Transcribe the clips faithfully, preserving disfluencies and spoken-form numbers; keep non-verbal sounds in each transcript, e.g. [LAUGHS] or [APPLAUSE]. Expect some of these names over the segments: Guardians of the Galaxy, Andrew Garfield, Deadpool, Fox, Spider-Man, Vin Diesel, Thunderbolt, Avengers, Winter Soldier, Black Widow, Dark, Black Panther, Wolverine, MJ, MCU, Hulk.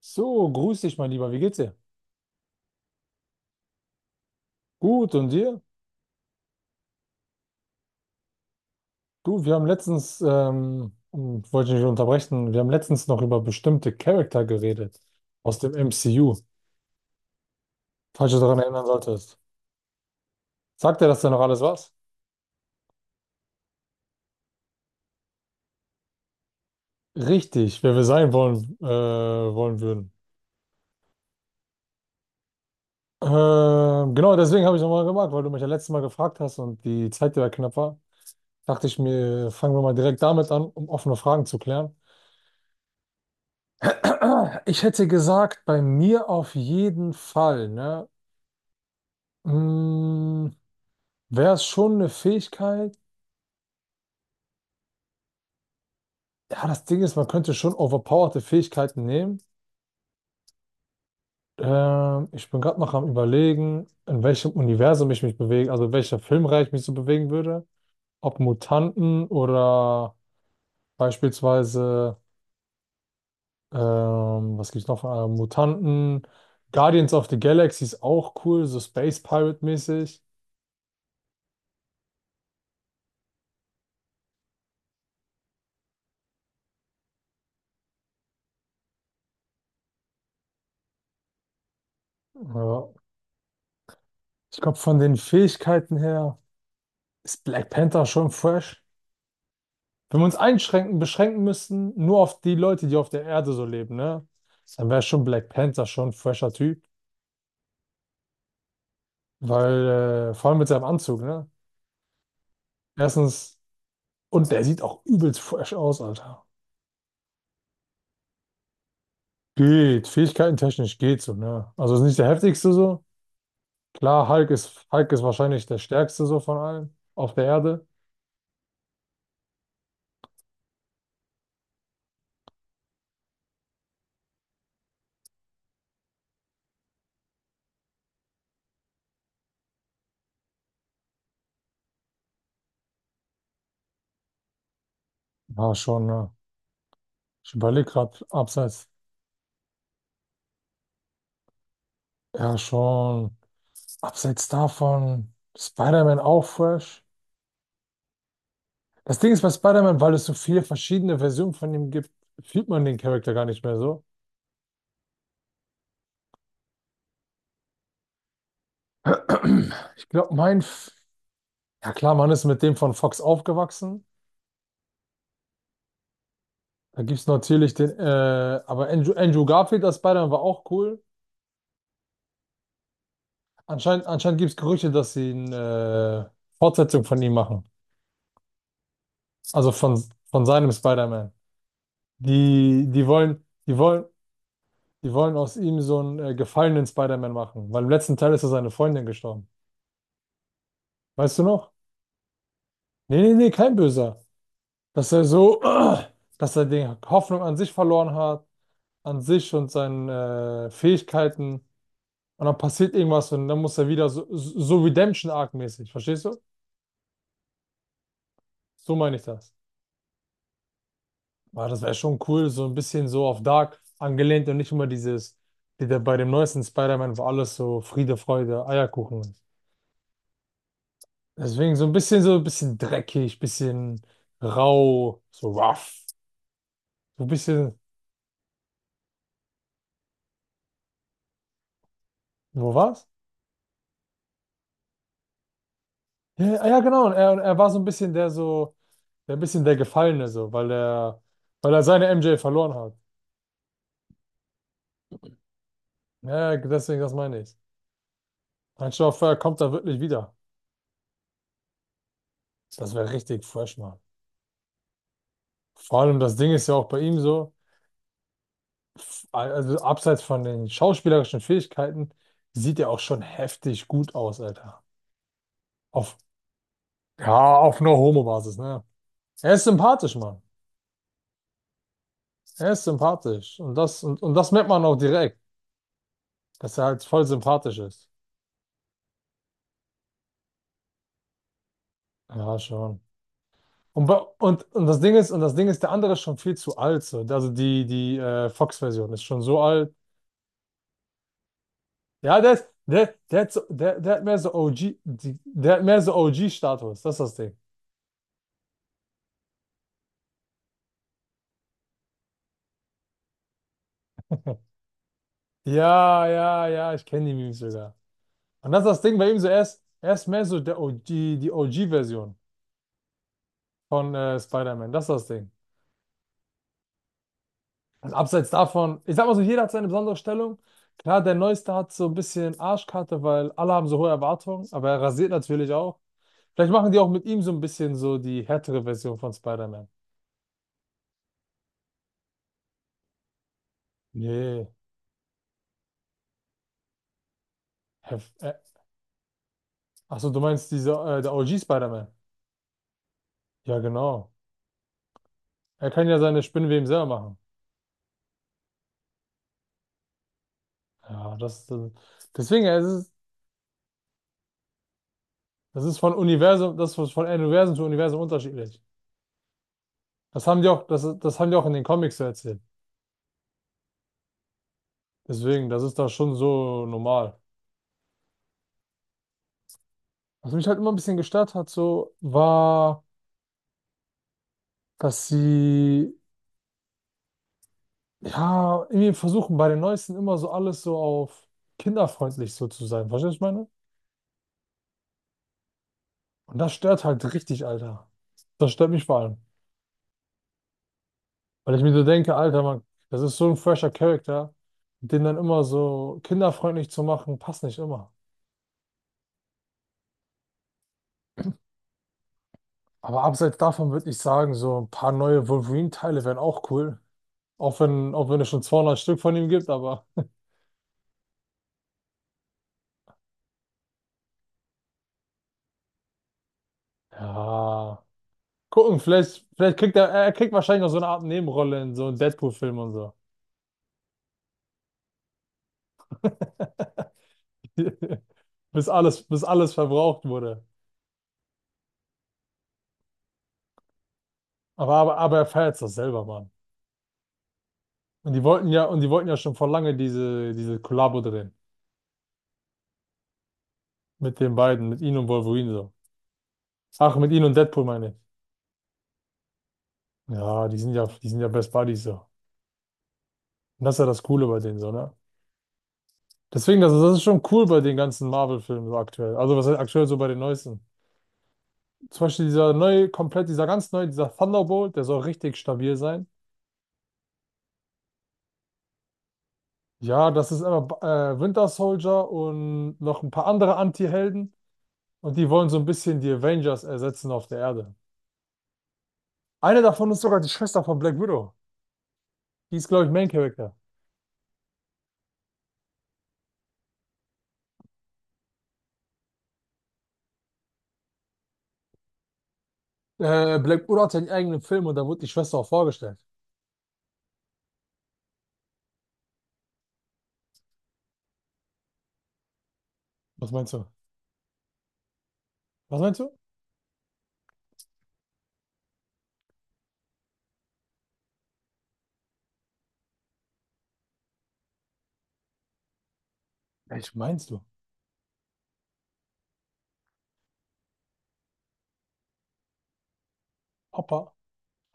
So, grüß dich, mein Lieber. Wie geht's dir? Gut, und dir? Du, wir haben letztens, ähm, und wollte ich nicht unterbrechen, wir haben letztens noch über bestimmte Charakter geredet aus dem M C U, falls du daran erinnern solltest. Sagt er, dass da noch alles was? Richtig, wer wir sein wollen, äh, wollen würden. Ähm, genau, deswegen habe ich nochmal gemacht, weil du mich ja letztes Mal gefragt hast und die Zeit ja knapp war. Dachte ich mir, fangen wir mal direkt damit an, um offene Fragen zu klären. Ich hätte gesagt, bei mir auf jeden Fall, ne? Mm, wäre es schon eine Fähigkeit? Ja, das Ding ist, man könnte schon overpowerte Fähigkeiten nehmen. Ähm, ich bin gerade noch am Überlegen, in welchem Universum ich mich bewege, also in welcher Filmreihe ich mich so bewegen würde. Ob Mutanten oder beispielsweise, ähm, was gibt's noch von äh, Mutanten? Guardians of the Galaxy ist auch cool, so Space Pirate-mäßig. Ja. Ich glaube, von den Fähigkeiten her ist Black Panther schon fresh. Wenn wir uns einschränken, beschränken müssten, nur auf die Leute, die auf der Erde so leben, ne? Dann wäre schon Black Panther schon ein fresher Typ. Weil, äh, vor allem mit seinem Anzug, ne? Erstens, und der sieht auch übelst fresh aus, Alter. Geht, Fähigkeiten technisch geht so, ne? Also ist nicht der heftigste so. Klar, Hulk ist, Hulk ist wahrscheinlich der stärkste so von allen auf der Erde. War schon, ne? Ich überlege gerade, abseits, ja, schon, abseits davon, Spider-Man auch fresh. Das Ding ist bei Spider-Man, weil es so viele verschiedene Versionen von ihm gibt, fühlt man den Charakter gar nicht mehr so. [CLEARS THROAT] Ich glaube, mein, F- ja klar, man ist mit dem von Fox aufgewachsen. Da gibt es natürlich den, äh, aber Andrew, Andrew Garfield als Spider-Man war auch cool. Anscheinend, anscheinend gibt es Gerüchte, dass sie eine äh, Fortsetzung von ihm machen. Also von, von seinem Spider-Man. Die, die wollen, die wollen, die wollen aus ihm so einen äh, gefallenen Spider-Man machen, weil im letzten Teil ist er seine Freundin gestorben. Weißt du noch? Nee, nee, nee, kein Böser. Dass er so, [CLEARS THROAT] äh, dass er die Hoffnung an sich verloren hat, an sich und seinen äh, Fähigkeiten. Und dann passiert irgendwas und dann muss er wieder so, so Redemption-Arc-mäßig, verstehst du? So meine ich das. Aber das wäre schon cool, so ein bisschen so auf Dark angelehnt und nicht immer dieses, wie der bei dem neuesten Spider-Man, wo alles so Friede, Freude, Eierkuchen ist. Deswegen so ein bisschen so ein bisschen dreckig, bisschen rau, so rough. So ein bisschen, wo war's? Ja, ja, genau. Und er, und er war so ein bisschen der so. Der ein bisschen der Gefallene so, weil er, weil er seine M J verloren hat. Ja, deswegen, das meine ich. Mein Chauffeur kommt da wirklich wieder. Das wäre richtig fresh, Mann. Vor allem das Ding ist ja auch bei ihm so, f- also abseits von den schauspielerischen Fähigkeiten, sieht er auch schon heftig gut aus, Alter. Auf, ja, auf einer Homo-Basis, ne? Er ist sympathisch, Mann. Er ist sympathisch. Und das, und, und das merkt man auch direkt, dass er halt voll sympathisch ist. Ja, schon. Und, ba- und, und das Ding ist, und das Ding ist, der andere ist schon viel zu alt. So. Also die, die äh, Fox-Version ist schon so alt. Ja, der, ist- der, der, hat so, der, der hat mehr so O G, die, der hat mehr so O G-Status. Das ist das Ding. Ja, ja, ja, ich kenne die Memes sogar. Und das ist das Ding bei ihm so, er ist, er ist mehr so der O G, die O G-Version von äh, Spider-Man. Das ist das Ding. Und abseits davon, ich sag mal so, jeder hat seine besondere Stellung. Klar, der Neueste hat so ein bisschen Arschkarte, weil alle haben so hohe Erwartungen, aber er rasiert natürlich auch. Vielleicht machen die auch mit ihm so ein bisschen so die härtere Version von Spider-Man. Nee. Hef- äh, Achso, du meinst diese, äh, der O G Spider-Man? Ja, genau. Er kann ja seine Spinnenweben selber machen. Ja, das, das deswegen, es ist, das ist von Universum, das ist von Universum zu Universum unterschiedlich. Das haben die auch, das, das haben die auch in den Comics so erzählt. Deswegen, das ist da schon so normal. Was mich halt immer ein bisschen gestört hat, so, war, dass sie ja irgendwie versuchen bei den Neuesten immer so alles so auf kinderfreundlich so zu sein. Verstehst du, was ich meine? Und das stört halt richtig, Alter. Das stört mich vor allem. Weil ich mir so denke, Alter, Mann, das ist so ein fresher Charakter. Den dann immer so kinderfreundlich zu machen, passt nicht immer. Aber abseits davon würde ich sagen, so ein paar neue Wolverine-Teile wären auch cool. Auch wenn, auch wenn es schon zweihundert Stück von ihm gibt, aber [LAUGHS] ja. Gucken, vielleicht, vielleicht kriegt er, er kriegt wahrscheinlich noch so eine Art Nebenrolle in so einem Deadpool-Film und so. [LAUGHS] bis alles, bis alles verbraucht wurde. Aber, aber, aber er feiert's doch selber, Mann. Und die wollten ja, und die wollten ja schon vor lange diese, diese Kollabo drehen. Mit den beiden, mit ihm und Wolverine so. Ach, mit ihm und Deadpool meine ich. Ja, die sind ja, die sind ja Best Buddies so. Und das ist ja das Coole bei denen so, ne? Deswegen, das, das ist schon cool bei den ganzen Marvel-Filmen so aktuell. Also was heißt aktuell so bei den neuesten. Zum Beispiel dieser neue, komplett, dieser ganz neue, dieser Thunderbolt, der soll richtig stabil sein. Ja, das ist immer äh, Winter Soldier und noch ein paar andere Anti-Helden. Und die wollen so ein bisschen die Avengers ersetzen auf der Erde. Eine davon ist sogar die Schwester von Black Widow. Die ist, glaube ich, Main Character. Äh, Black Widow hat ja einen eigenen Film und da wurde die Schwester auch vorgestellt. Was meinst du? Was meinst du? Welch meinst du? Hoppa.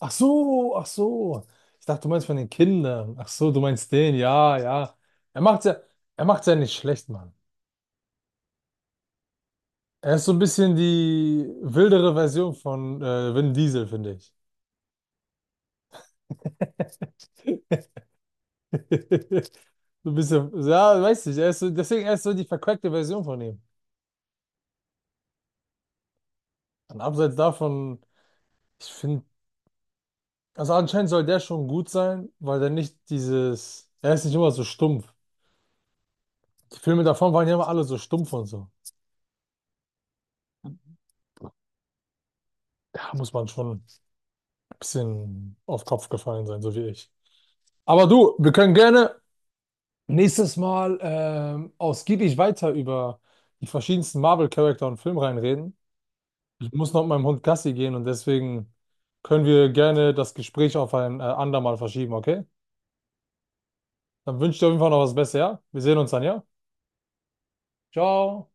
Ach so, ach so. Ich dachte, du meinst von den Kindern. Ach so, du meinst den. Ja, ja. Er macht's ja, er macht's ja nicht schlecht, Mann. Er ist so ein bisschen die wildere Version von äh, Vin Diesel, finde ich. [LAUGHS] [LAUGHS] Du bist ja, ja, weiß nicht, er ist so, deswegen er ist so die verquackte Version von ihm. Und abseits davon, ich finde, also anscheinend soll der schon gut sein, weil der nicht dieses, er ist nicht immer so stumpf. Die Filme davon waren ja immer alle so stumpf und so. Da muss man schon ein bisschen auf Kopf gefallen sein, so wie ich. Aber du, wir können gerne nächstes Mal ähm, ausgiebig weiter über die verschiedensten Marvel-Charakter und Filmreihen reden. Ich muss noch mit meinem Hund Gassi gehen und deswegen können wir gerne das Gespräch auf ein äh, andermal verschieben, okay? Dann wünsche ich dir auf jeden Fall noch was Besseres, ja? Wir sehen uns dann, ja? Ciao!